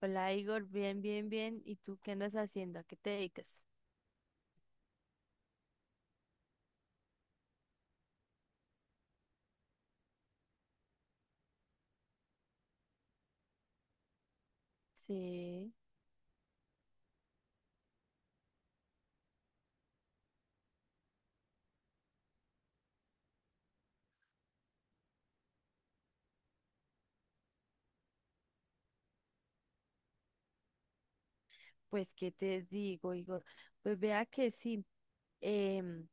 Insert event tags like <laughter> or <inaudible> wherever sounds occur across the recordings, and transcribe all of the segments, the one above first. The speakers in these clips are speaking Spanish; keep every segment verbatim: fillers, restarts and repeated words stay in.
Hola Igor, bien, bien, bien. ¿Y tú qué andas haciendo? ¿A qué te dedicas? Sí, pues qué te digo, Igor. Pues vea que sí. em,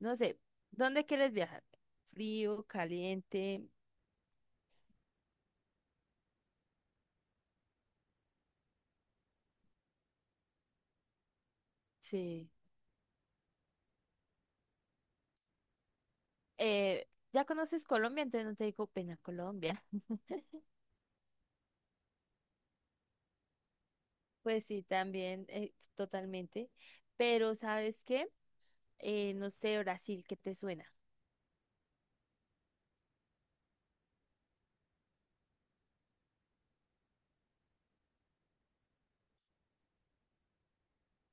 no sé, ¿dónde quieres viajar? Frío, caliente. Sí. Eh, ya conoces Colombia, entonces no te digo pena Colombia. <laughs> Pues sí, también, eh, totalmente. Pero ¿sabes qué? Eh, no sé, Brasil, ¿qué te suena?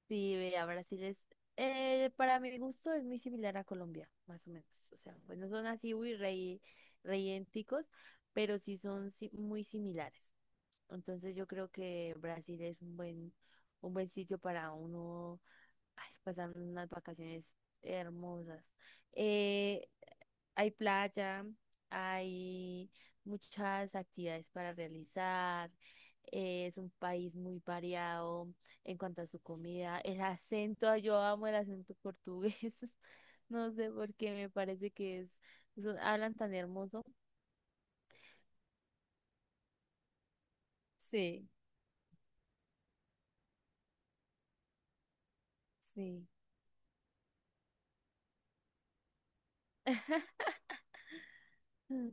Sí, vea, Brasil es, eh, para mi gusto es muy similar a Colombia, más o menos. O sea, pues no son así, uy, rey, reyénticos, pero sí son si- muy similares. Entonces yo creo que Brasil es un buen, un buen sitio para uno. Ay, pasaron unas vacaciones hermosas. Eh, Hay playa, hay muchas actividades para realizar. eh, es un país muy variado en cuanto a su comida. El acento, yo amo el acento portugués. <laughs> No sé por qué, me parece que es, son- hablan tan hermoso. Sí, sí. <laughs> Sí,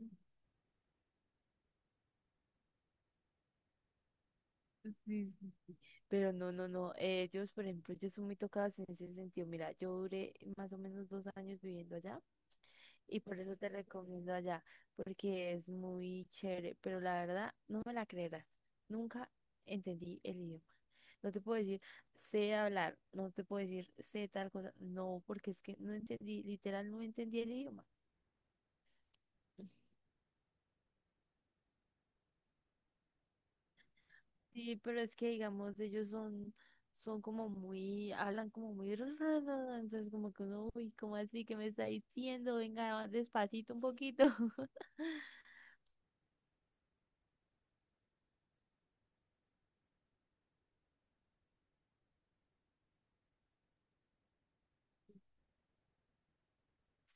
sí. Pero no, no, no. Ellos, por ejemplo, ellos son muy tocados en ese sentido. Mira, yo duré más o menos dos años viviendo allá y por eso te recomiendo allá, porque es muy chévere. Pero la verdad, no me la creerás. Nunca entendí el idioma. No te puedo decir sé hablar, no te puedo decir sé tal cosa. No, porque es que no entendí, literal, no entendí el idioma. Sí, pero es que digamos, ellos son, son como muy, hablan como muy, ru- ru- ru, entonces como que uno, uy, ¿cómo así que me está diciendo? Venga, despacito un poquito. <laughs>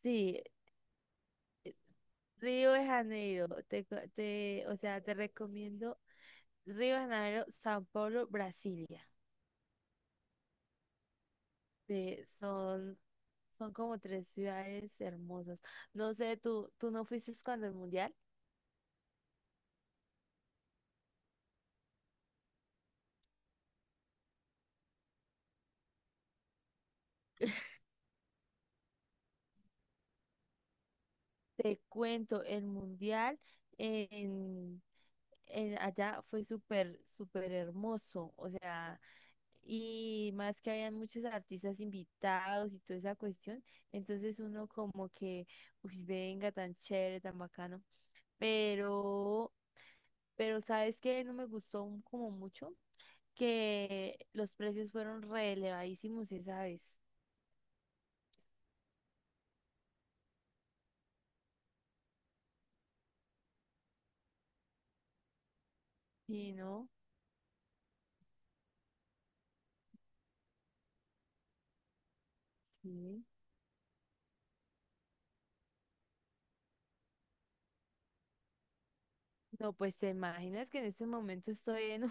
Sí, Río de Janeiro, te, co- te, o sea, te recomiendo Río de Janeiro, São Paulo, Brasilia. Sí, son, son como tres ciudades hermosas. No sé, tú, tú no fuiste cuando el mundial. Te cuento, el mundial. En eh, Allá fue súper, súper hermoso, o sea, y más que habían muchos artistas invitados y toda esa cuestión, entonces uno como que, uy, venga, tan chévere, tan bacano, pero, pero ¿sabes qué? No me gustó un- como mucho, que los precios fueron re elevadísimos esa vez, ¿y no? Sí. No, pues te imaginas que en este momento estoy en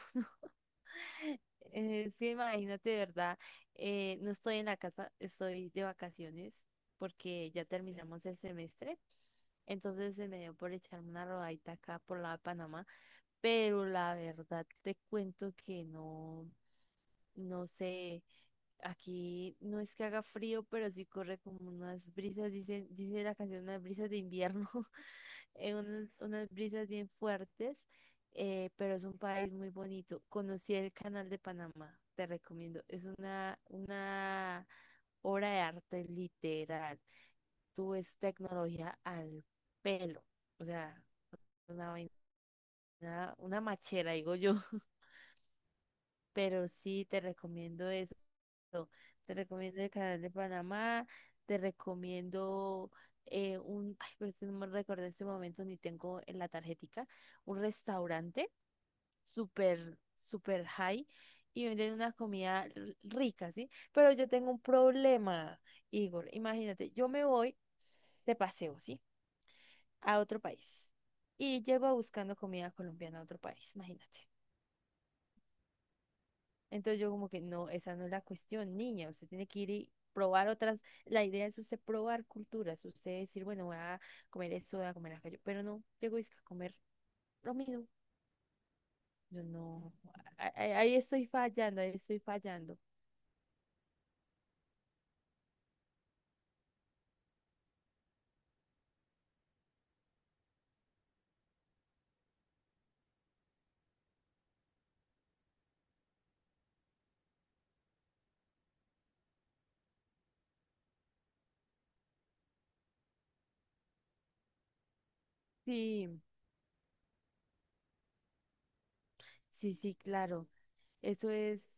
Es que imagínate, ¿de verdad? Eh, no estoy en la casa, estoy de vacaciones porque ya terminamos el semestre. Entonces se me dio por echarme una rodadita acá por la Panamá, pero la verdad te cuento que no, no sé, aquí no es que haga frío, pero sí corre como unas brisas, dice, dice la canción, unas brisas de invierno. <laughs> eh, unas, unas brisas bien fuertes, eh, pero es un país muy bonito. Conocí el Canal de Panamá, te recomiendo. Es una, una obra de arte literal. Tú ves tecnología al pelo, o sea, una vaina, una machera, digo yo. Pero sí, te recomiendo eso. Te recomiendo el canal de Panamá, te recomiendo. Eh, un, ay, pero es que no me recuerdo en este momento ni tengo en la tarjetica, un restaurante súper, súper high y venden una comida r- rica, ¿sí? Pero yo tengo un problema, Igor. Imagínate, yo me voy de paseo, ¿sí? A otro país y llego buscando comida colombiana a otro país, imagínate. Entonces yo como que no, esa no es la cuestión, niña, usted tiene que ir y probar otras, la idea es usted probar culturas, usted decir, bueno, voy a comer esto, voy a comer aquello, pero no, llego y es que a comer lo mismo. Yo no, a- a- ahí estoy fallando, ahí estoy fallando. Sí, sí, sí, claro, eso es,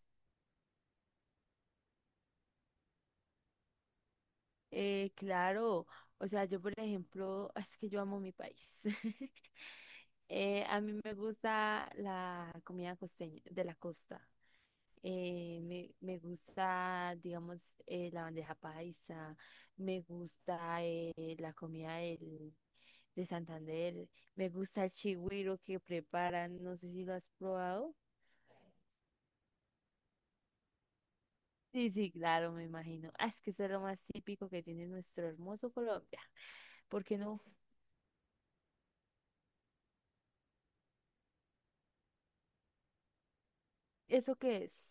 eh, claro, o sea, yo por ejemplo, es que yo amo mi país. <laughs> Eh, a mí me gusta la comida costeña, de la costa. Eh, me, me gusta, digamos, eh, la bandeja paisa, me gusta eh, la comida del, de Santander, me gusta el chigüiro que preparan, no sé si lo has probado. Sí, sí, claro, me imagino. Ah, es que eso es lo más típico que tiene nuestro hermoso Colombia. ¿Por qué no? ¿Eso qué es?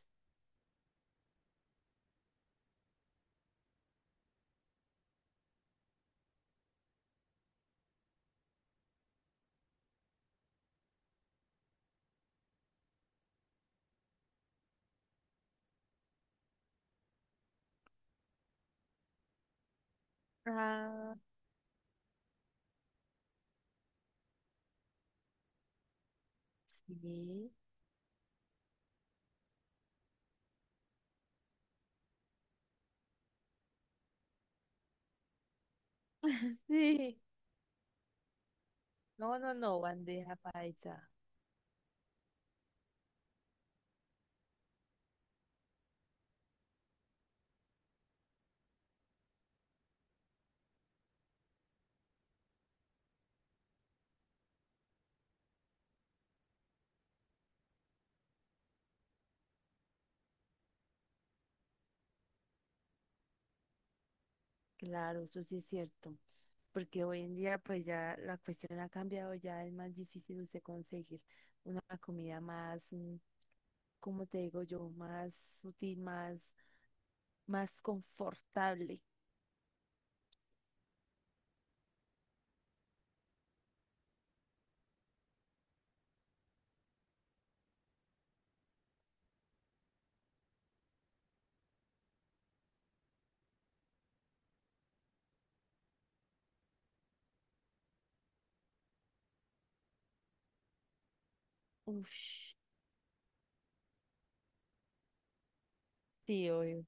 Ah, sí. Sí. No, no, no, bandeja paisa. Claro, eso sí es cierto. Porque hoy en día pues ya la cuestión ha cambiado, ya es más difícil usted conseguir una comida más, mm, como te digo yo, más sutil, más, más confortable. Ush, sí, obvio.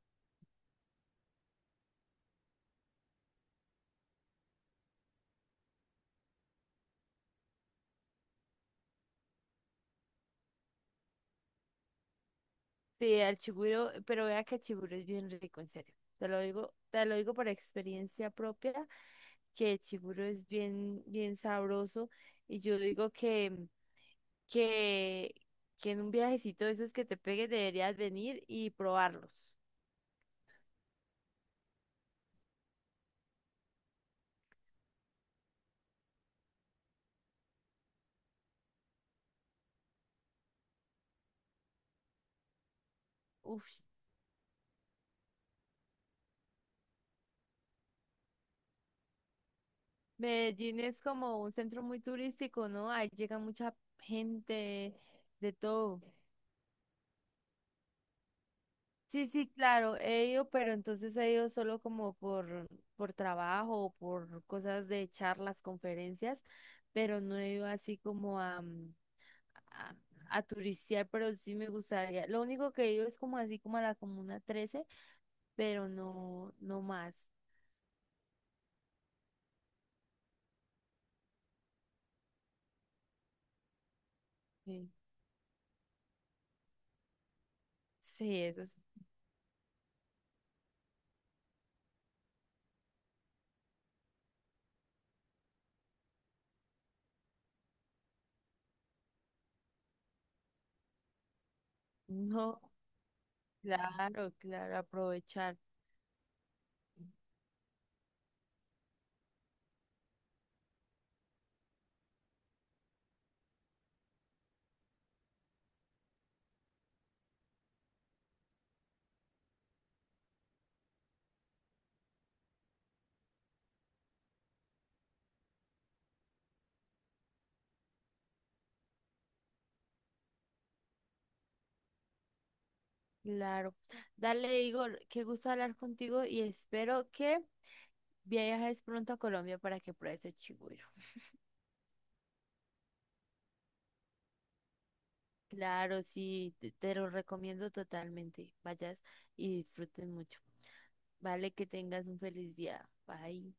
Sí, al chiguro, pero vea que el chiguro es bien rico, en serio. Te lo digo, te lo digo por experiencia propia, que el chiguro es bien, bien sabroso. Y yo digo que, mm, que, que en un viajecito de esos que te pegues deberías venir y probarlos. Uf, Medellín es como un centro muy turístico, ¿no? Ahí llega mucha gente de todo. Sí, sí, claro, he ido, pero entonces he ido solo como por, por trabajo o por cosas de charlas, conferencias, pero no he ido así como a, mm, a, a turistear, pero sí me gustaría. Lo único que he ido es como así como a la Comuna Trece, pero no, no más. Sí, sí, eso. No, claro, claro, aprovechar. Claro. Dale, Igor, qué gusto hablar contigo y espero que viajes pronto a Colombia para que pruebes el chigüiro. Claro, sí, te, te lo recomiendo totalmente. Vayas y disfrutes mucho. Vale, que tengas un feliz día. Bye.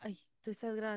Ay, tú estás grabando.